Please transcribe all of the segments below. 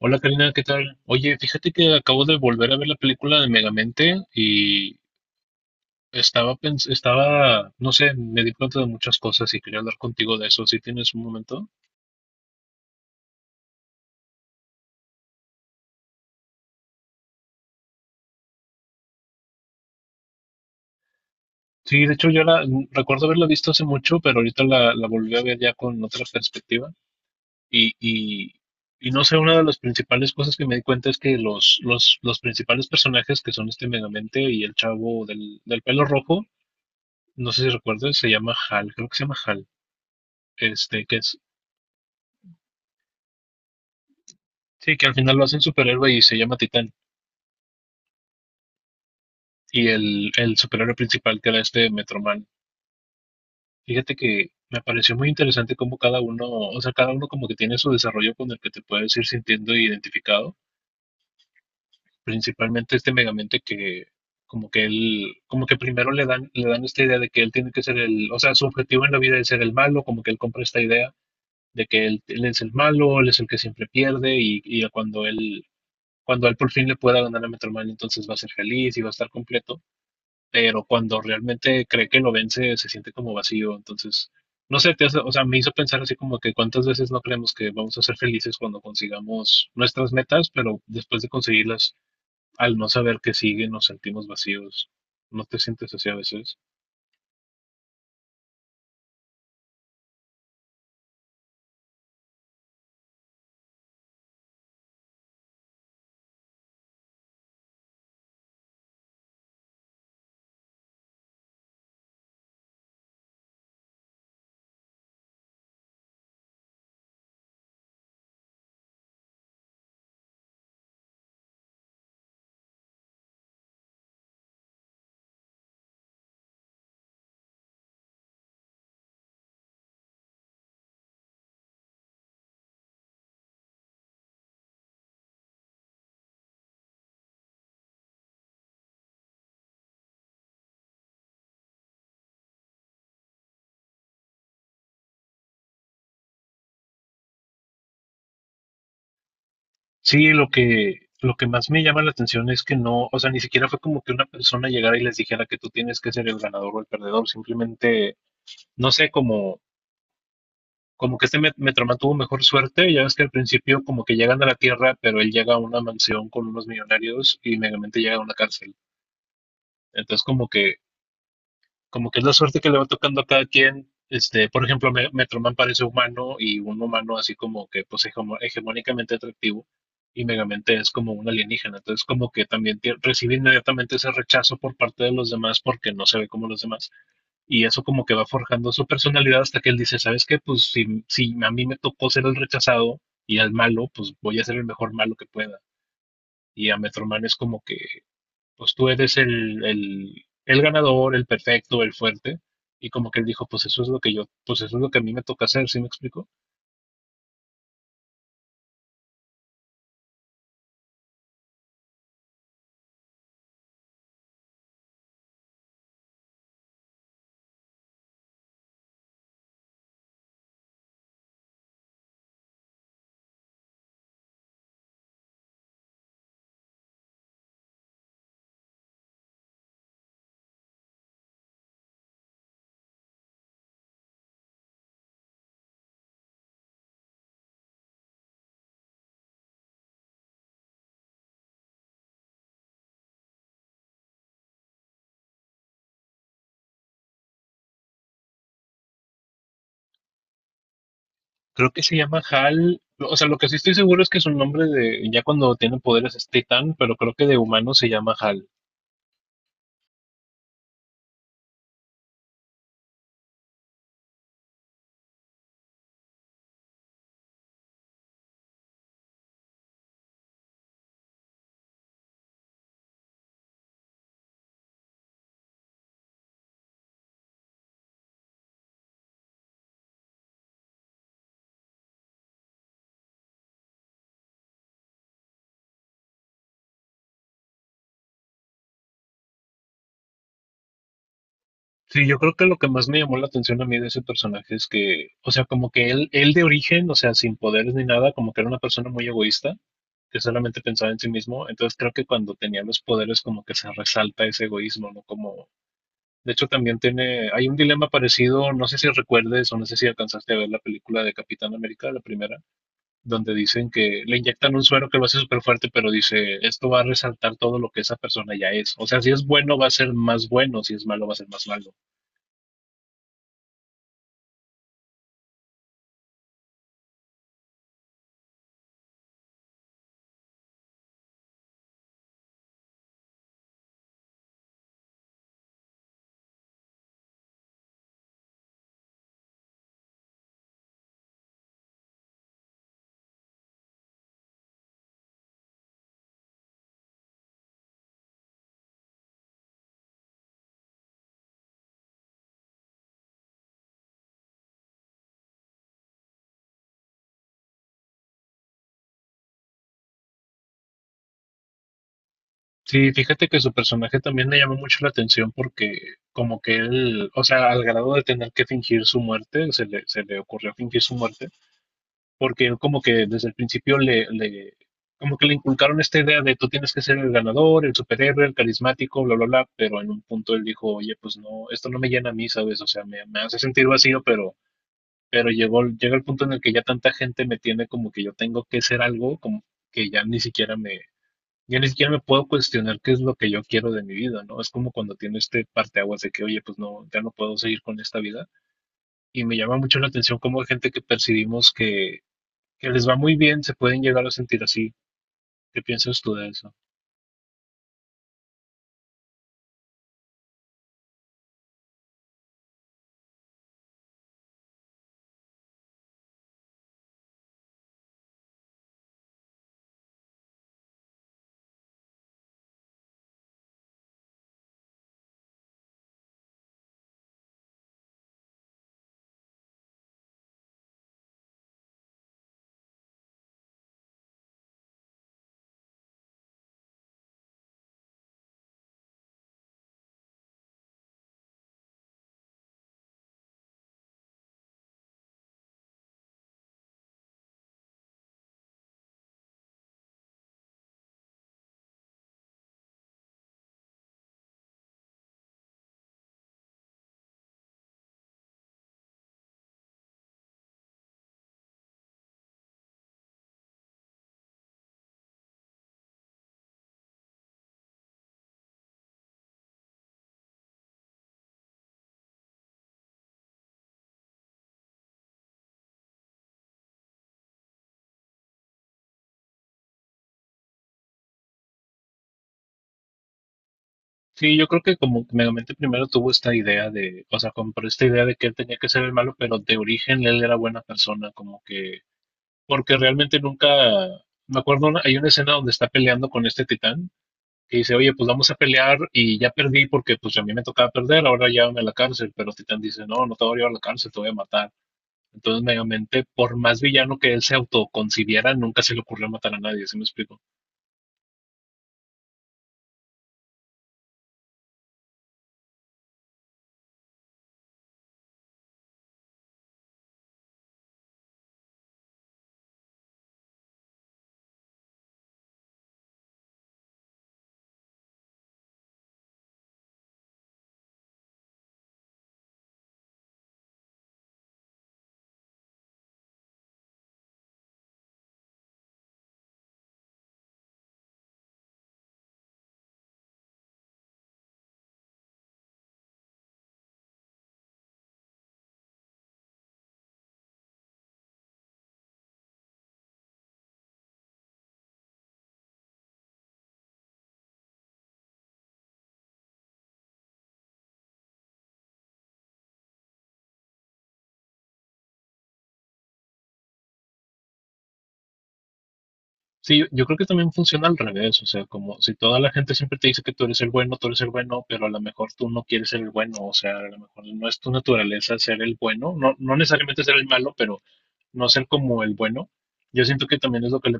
Hola Karina, ¿qué tal? Oye, fíjate que acabo de volver a ver la película de Megamente y estaba, no sé, me di cuenta de muchas cosas y quería hablar contigo de eso, si tienes un momento. Sí, de hecho yo recuerdo haberla visto hace mucho, pero ahorita la volví a ver ya con otra perspectiva. Y, y, y no sé, una de las principales cosas que me di cuenta es que los principales personajes que son este Megamente y el chavo del pelo rojo, no sé si recuerdas, se llama Hal, creo que se llama Hal este, que es, Sí, que al final lo hacen superhéroe y se llama Titán. Y el superhéroe principal que era este Metroman. Fíjate que me pareció muy interesante cómo cada uno, o sea, cada uno como que tiene su desarrollo con el que te puedes ir sintiendo identificado. Principalmente este Megamente que como que él, como que primero le dan esta idea de que él tiene que ser el, o sea, su objetivo en la vida es ser el malo, como que él compra esta idea de que él es el malo, él es el que siempre pierde y cuando él por fin le pueda ganar a Metroman, entonces va a ser feliz y va a estar completo, pero cuando realmente cree que lo vence se siente como vacío. Entonces, no sé, o sea, me hizo pensar así como que cuántas veces no creemos que vamos a ser felices cuando consigamos nuestras metas, pero después de conseguirlas, al no saber qué sigue, nos sentimos vacíos. ¿No te sientes así a veces? Sí, lo que más me llama la atención es que no, o sea, ni siquiera fue como que una persona llegara y les dijera que tú tienes que ser el ganador o el perdedor. Simplemente, no sé, como que este Metroman tuvo mejor suerte, ya ves que al principio como que llegan a la Tierra, pero él llega a una mansión con unos millonarios y Megamente llega a una cárcel. Entonces como que es la suerte que le va tocando a cada quien. Este, por ejemplo, Metroman parece humano y un humano así como que pues hegemónicamente atractivo, y Megamente es como un alienígena. Entonces como que también recibe inmediatamente ese rechazo por parte de los demás porque no se ve como los demás. Y eso como que va forjando su personalidad hasta que él dice, ¿sabes qué? Pues si, si a mí me tocó ser el rechazado y el malo, pues voy a ser el mejor malo que pueda. Y a Metroman es como que, pues tú eres el ganador, el perfecto, el fuerte. Y como que él dijo, pues eso es lo que yo, pues eso es lo que a mí me toca hacer, ¿sí me explico? Creo que se llama Hal, o sea, lo que sí estoy seguro es que su nombre de, ya cuando tiene poderes es Titan, pero creo que de humano se llama Hal. Sí, yo creo que lo que más me llamó la atención a mí de ese personaje es que, o sea, como que él de origen, o sea, sin poderes ni nada, como que era una persona muy egoísta, que solamente pensaba en sí mismo. Entonces creo que cuando tenía los poderes como que se resalta ese egoísmo, ¿no? Como, de hecho también tiene, hay un dilema parecido, no sé si recuerdes o no sé si alcanzaste a ver la película de Capitán América, la primera, donde dicen que le inyectan un suero que lo hace súper fuerte, pero dice, esto va a resaltar todo lo que esa persona ya es. O sea, si es bueno va a ser más bueno, si es malo va a ser más malo. Sí, fíjate que su personaje también me llamó mucho la atención porque como que él, o sea, al grado de tener que fingir su muerte, se le ocurrió fingir su muerte, porque él como que desde el principio como que le inculcaron esta idea de tú tienes que ser el ganador, el superhéroe, el carismático, bla, bla, bla, pero en un punto él dijo, oye, pues no, esto no me llena a mí, ¿sabes? O sea, me hace sentir vacío, pero, llega el punto en el que ya tanta gente me tiene como que yo tengo que ser algo, como que ya ni siquiera me, yo ni siquiera me puedo cuestionar qué es lo que yo quiero de mi vida, ¿no? Es como cuando tiene este parteaguas de que, oye, pues no, ya no puedo seguir con esta vida. Y me llama mucho la atención cómo hay gente que percibimos que les va muy bien, se pueden llegar a sentir así. ¿Qué piensas tú de eso? Sí, yo creo que como que Megamente primero tuvo esta idea de, o sea, compró esta idea de que él tenía que ser el malo, pero de origen él era buena persona, como que, porque realmente nunca, me acuerdo, hay una escena donde está peleando con este titán que dice, oye, pues vamos a pelear y ya perdí porque pues a mí me tocaba perder, ahora llévame a la cárcel, pero Titán dice, no, no te voy a llevar a la cárcel, te voy a matar. Entonces, Megamente, por más villano que él se autoconcibiera, nunca se le ocurrió matar a nadie, ¿sí me explico? Sí, yo creo que también funciona al revés, o sea, como si toda la gente siempre te dice que tú eres el bueno, tú eres el bueno, pero a lo mejor tú no quieres ser el bueno, o sea, a lo mejor no es tu naturaleza ser el bueno, no, no necesariamente ser el malo, pero no ser como el bueno. Yo siento que también es lo que le...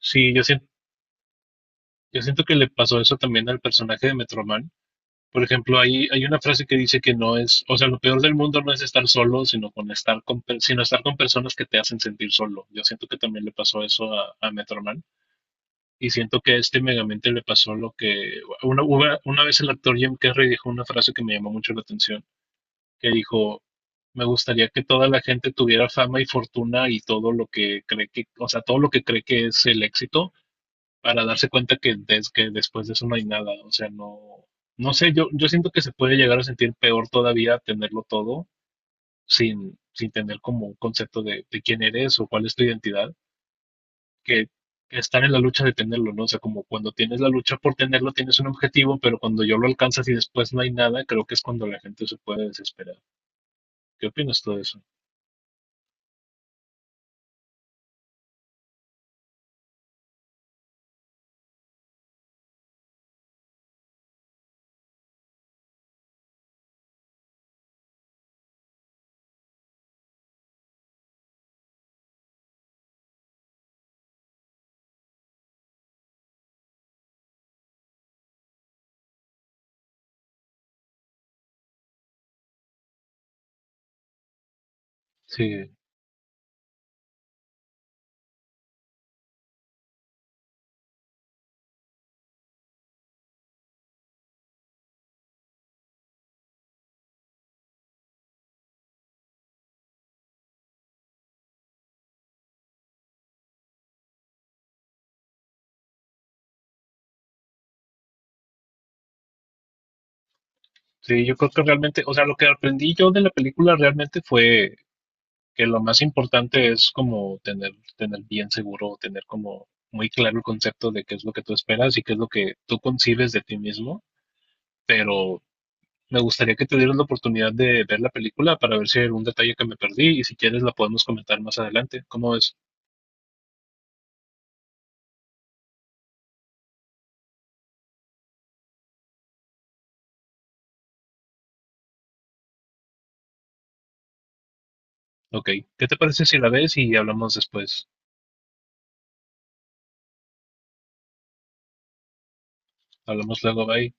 Sí, yo siento. Yo siento que le pasó eso también al personaje de Metroman. Por ejemplo, hay una frase que dice que no es, o sea, lo peor del mundo no es estar solo, sino con estar con, per- sino estar con personas que te hacen sentir solo. Yo siento que también le pasó eso a Metroman. Y siento que a este Megamente le pasó lo que una vez el actor Jim Carrey dijo una frase que me llamó mucho la atención, que dijo, me gustaría que toda la gente tuviera fama y fortuna y todo lo que cree que, o sea, todo lo que cree que es el éxito, para darse cuenta que, que después de eso no hay nada. O sea, no, no sé, yo siento que se puede llegar a sentir peor todavía tenerlo todo sin, sin tener como un concepto de quién eres o cuál es tu identidad, que, que estar en la lucha de tenerlo, ¿no? O sea, como cuando tienes la lucha por tenerlo, tienes un objetivo, pero cuando yo lo alcanzas y después no hay nada, creo que es cuando la gente se puede desesperar. ¿Qué opinas tú de eso? Sí. Sí, yo creo que realmente, o sea, lo que aprendí yo de la película realmente fue que lo más importante es como tener, tener bien seguro, tener como muy claro el concepto de qué es lo que tú esperas y qué es lo que tú concibes de ti mismo, pero me gustaría que te dieras la oportunidad de ver la película para ver si hay algún detalle que me perdí y si quieres la podemos comentar más adelante. ¿Cómo es? Ok, ¿qué te parece si la ves y hablamos después? Hablamos luego, bye.